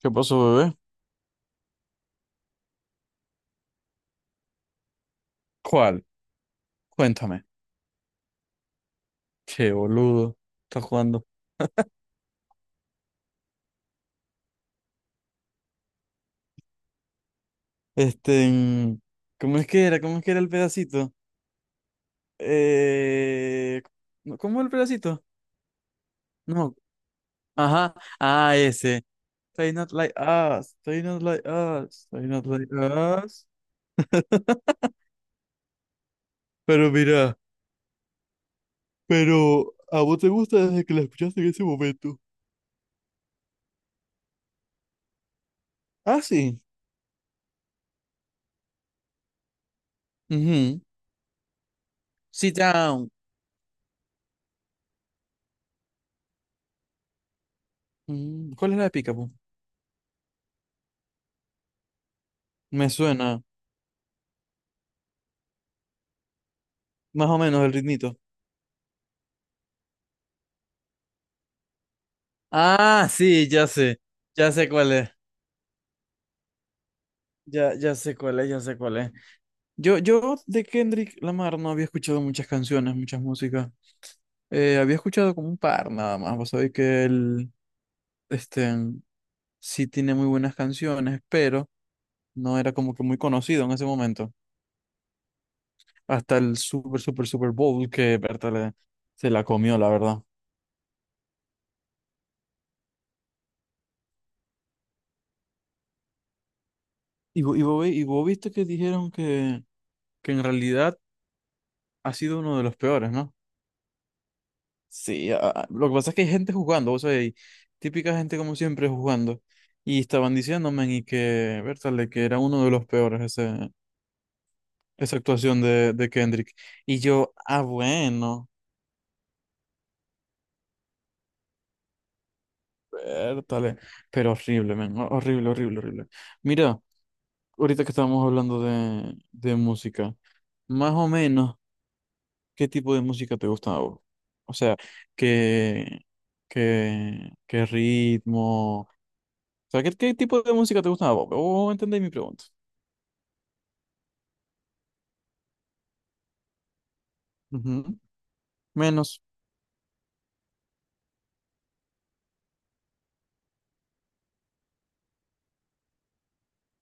¿Qué pasó, bebé? ¿Cuál? Cuéntame. Qué boludo. Estás jugando. Este, en- ¿Cómo es que era? ¿Cómo es que era el pedacito? Eh, ¿cómo el pedacito? No. Ajá. Ah, ese. They not like us. They not like us. They not like us. Pero mira, pero a vos te gusta desde que la escuchaste en ese momento. Ah, sí. Ujú. Sit down. Mm, ¿cuál es la de Picapo? Me suena más o menos el ritmito. Ah, sí, ya sé cuál es, ya sé cuál es, ya sé cuál es. Yo de Kendrick Lamar no había escuchado muchas canciones, muchas músicas. Había escuchado como un par nada más. Vos sabés que él, este, sí tiene muy buenas canciones, pero no era como que muy conocido en ese momento. Hasta el Super Bowl que se la comió, la verdad. Y vos viste que dijeron que, en realidad ha sido uno de los peores, ¿no? Sí, lo que pasa es que hay gente jugando, o sea, hay típica gente como siempre jugando. Y estaban diciéndome y que, Bertale, que era uno de los peores ese, esa actuación de, Kendrick. Y yo, ah, bueno, Bertale, pero horrible, men, horrible, horrible, horrible. Mira, ahorita que estábamos hablando de, música, más o menos, ¿qué tipo de música te gusta a vos? O sea, ¿qué, qué ritmo? Sea, ¿qué tipo de música te gusta a vos? ¿Vos entendéis mi pregunta? Ujú. Menos,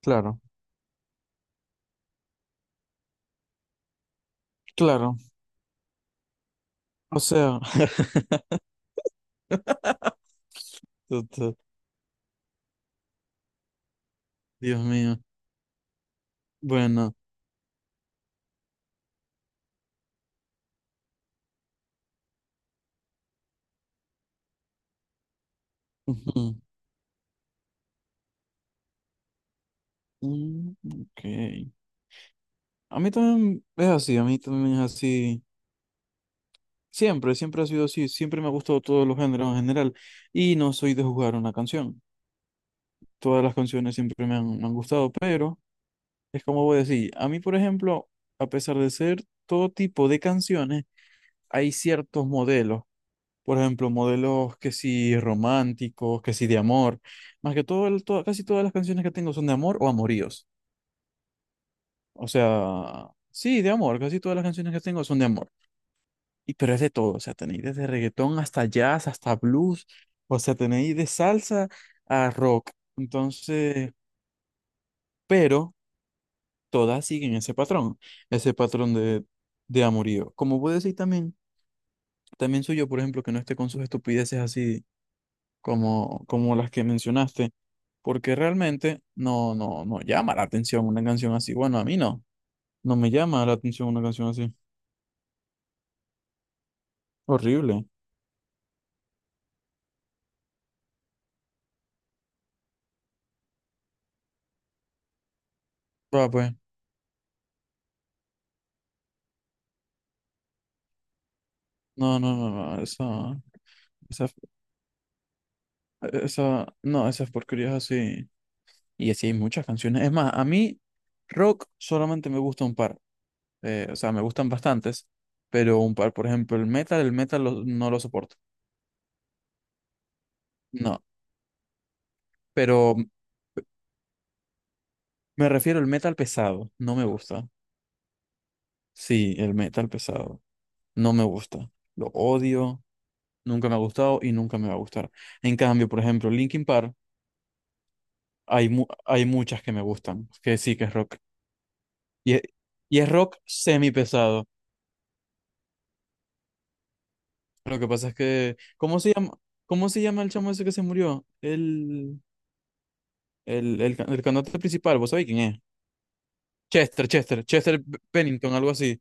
claro. Claro, o sea, tota, Dios mío. Bueno, ujú. Mm, ok. A mí también es así, a mí también es así. Siempre, siempre ha sido así, siempre me ha gustado todos los géneros en general y no soy de jugar una canción. Todas las canciones siempre me han gustado, pero es como voy a decir, a mí, por ejemplo, a pesar de ser todo tipo de canciones, hay ciertos modelos. Por ejemplo, modelos que sí románticos, que sí de amor. Más que todo, casi todas las canciones que tengo son de amor o amoríos. O sea, sí, de amor. Casi todas las canciones que tengo son de amor. Y pero es de todo. O sea, tenéis desde reggaetón hasta jazz, hasta blues. O sea, tenéis de salsa a rock. Entonces, pero todas siguen ese patrón. Ese patrón de, amorío. Como puedo decir también, también soy yo, por ejemplo, que no esté con sus estupideces así como, las que mencionaste, porque realmente no, no, no llama la atención una canción así. Bueno, a mí no, no me llama la atención una canción así. Horrible. Va, pues, no, no, no, no, esa, esa, no, esas porquerías así. Y así hay muchas canciones. Es más, a mí rock solamente me gusta un par, o sea, me gustan bastantes, pero un par, por ejemplo, el metal, no lo soporto. No, pero me refiero al metal pesado, no me gusta. Sí, el metal pesado. No me gusta. Lo odio, nunca me ha gustado y nunca me va a gustar. En cambio, por ejemplo, Linkin Park, hay muchas que me gustan, que sí que es rock. Y, es y es rock semi pesado. Lo que pasa es que, cómo se llama el chamo ese que se murió? El cantante principal, ¿vos sabéis quién es? Chester Bennington, algo así.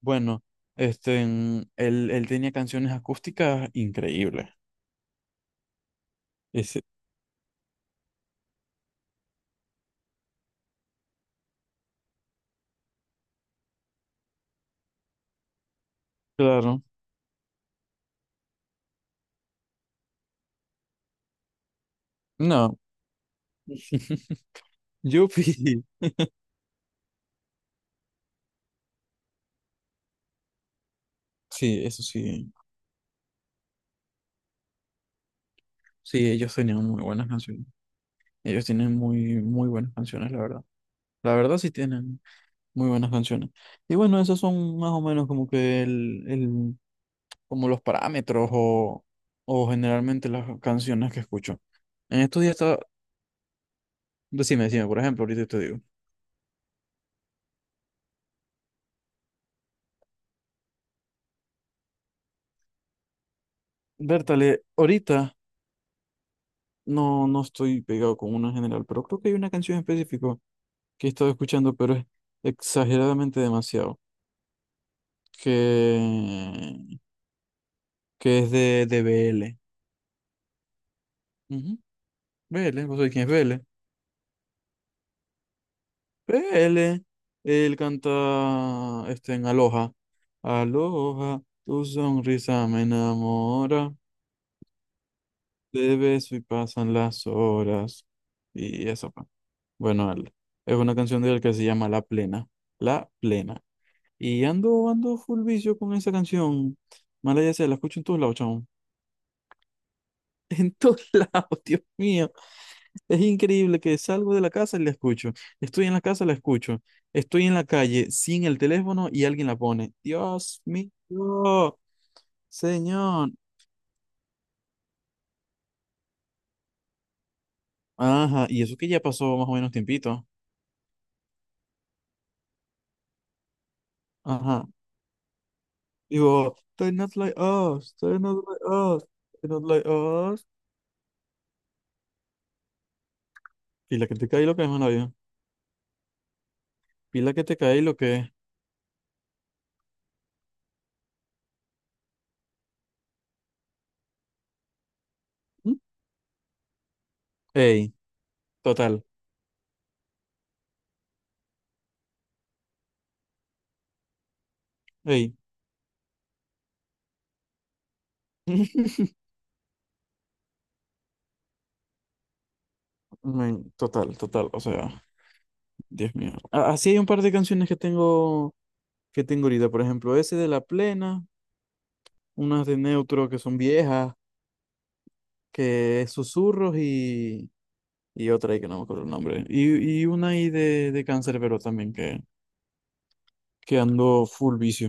Bueno, él tenía canciones acústicas increíbles. Ese, claro, no. Yupi. Sí, eso sí. Sí, ellos tenían muy buenas canciones. Ellos tienen muy, muy buenas canciones, la verdad. La verdad sí tienen muy buenas canciones. Y bueno, esos son más o menos como que como los parámetros o, generalmente las canciones que escucho. En estos días estaba, decime, decime, por ejemplo, ahorita te digo. Bertale, ahorita no estoy pegado con una en general, pero creo que hay una canción específica que he estado escuchando, pero es exageradamente demasiado. Que que es de BL. Ujú. BL, ¿vos sabés quién es BL? BL, él canta este, en Aloha. Aloha, tu sonrisa me enamora, te beso y pasan las horas. Y eso, pa. Bueno, es una canción de él que se llama La Plena. La Plena. Y ando full vicio con esa canción. Mala ya sea, la escucho en todos lados, chamo. En todos lados, Dios mío. Es increíble que salgo de la casa y la escucho. Estoy en la casa, la escucho. Estoy en la calle sin el teléfono y alguien la pone. Dios mío, señor. Ajá, y eso que ya pasó más o menos tiempito. Ajá. Digo, they're not like us, they're not like us, they're not like us. Pila que te cae lo que es, mano. Pila que te cae lo que es. ¿Mm? Ey, total, ey. Men, total, total, o sea. Dios mío. Así hay un par de canciones que tengo ahorita. Por ejemplo, ese de La Plena, unas de Neutro que son viejas, que es Susurros y otra ahí que no me acuerdo el nombre. Y una ahí de, Canserbero también que ando full vicio.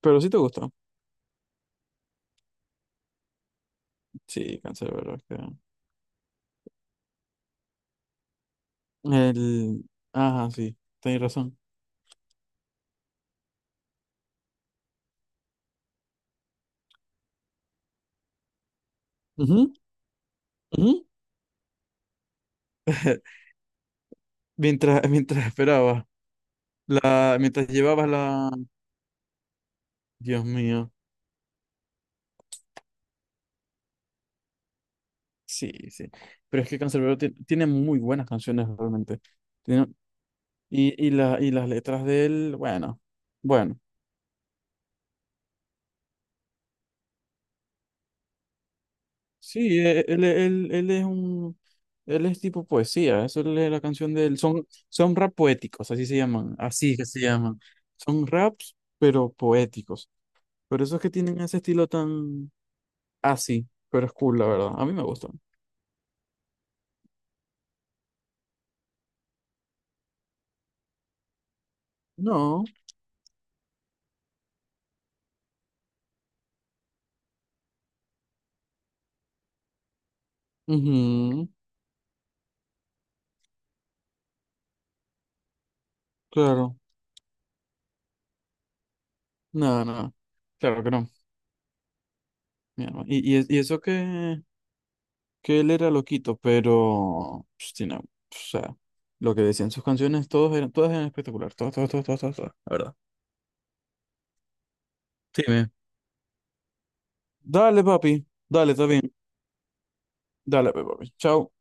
Pero sí te gusta. Sí, Canserbero. El... Ajá, sí, tenés razón. Ujú, ujú. Mientras, mientras esperaba, la, mientras llevabas la... Dios mío. Sí, sí. Pero es que Canserbero tiene muy buenas canciones realmente. Tiene- y las letras de él, bueno, bueno. Sí, él es un, él es tipo poesía. Eso es la canción de él. Son rap poéticos, así se llaman. Así que se llaman. Son raps, pero poéticos. Por eso es que tienen ese estilo tan así. Pero es cool, la verdad. A mí me gusta. No. Ujú. Claro. Nada, nada. Claro que no. Mi hermano. Y eso que. Que él era loquito, pero, pues, o sea, lo que decían sus canciones, todos eran, todas eran espectacular, todas, todas, todas, todas, todas, todas, la verdad. Sí, Dale, papi, dale, está bien, dale, pues, papi, chao.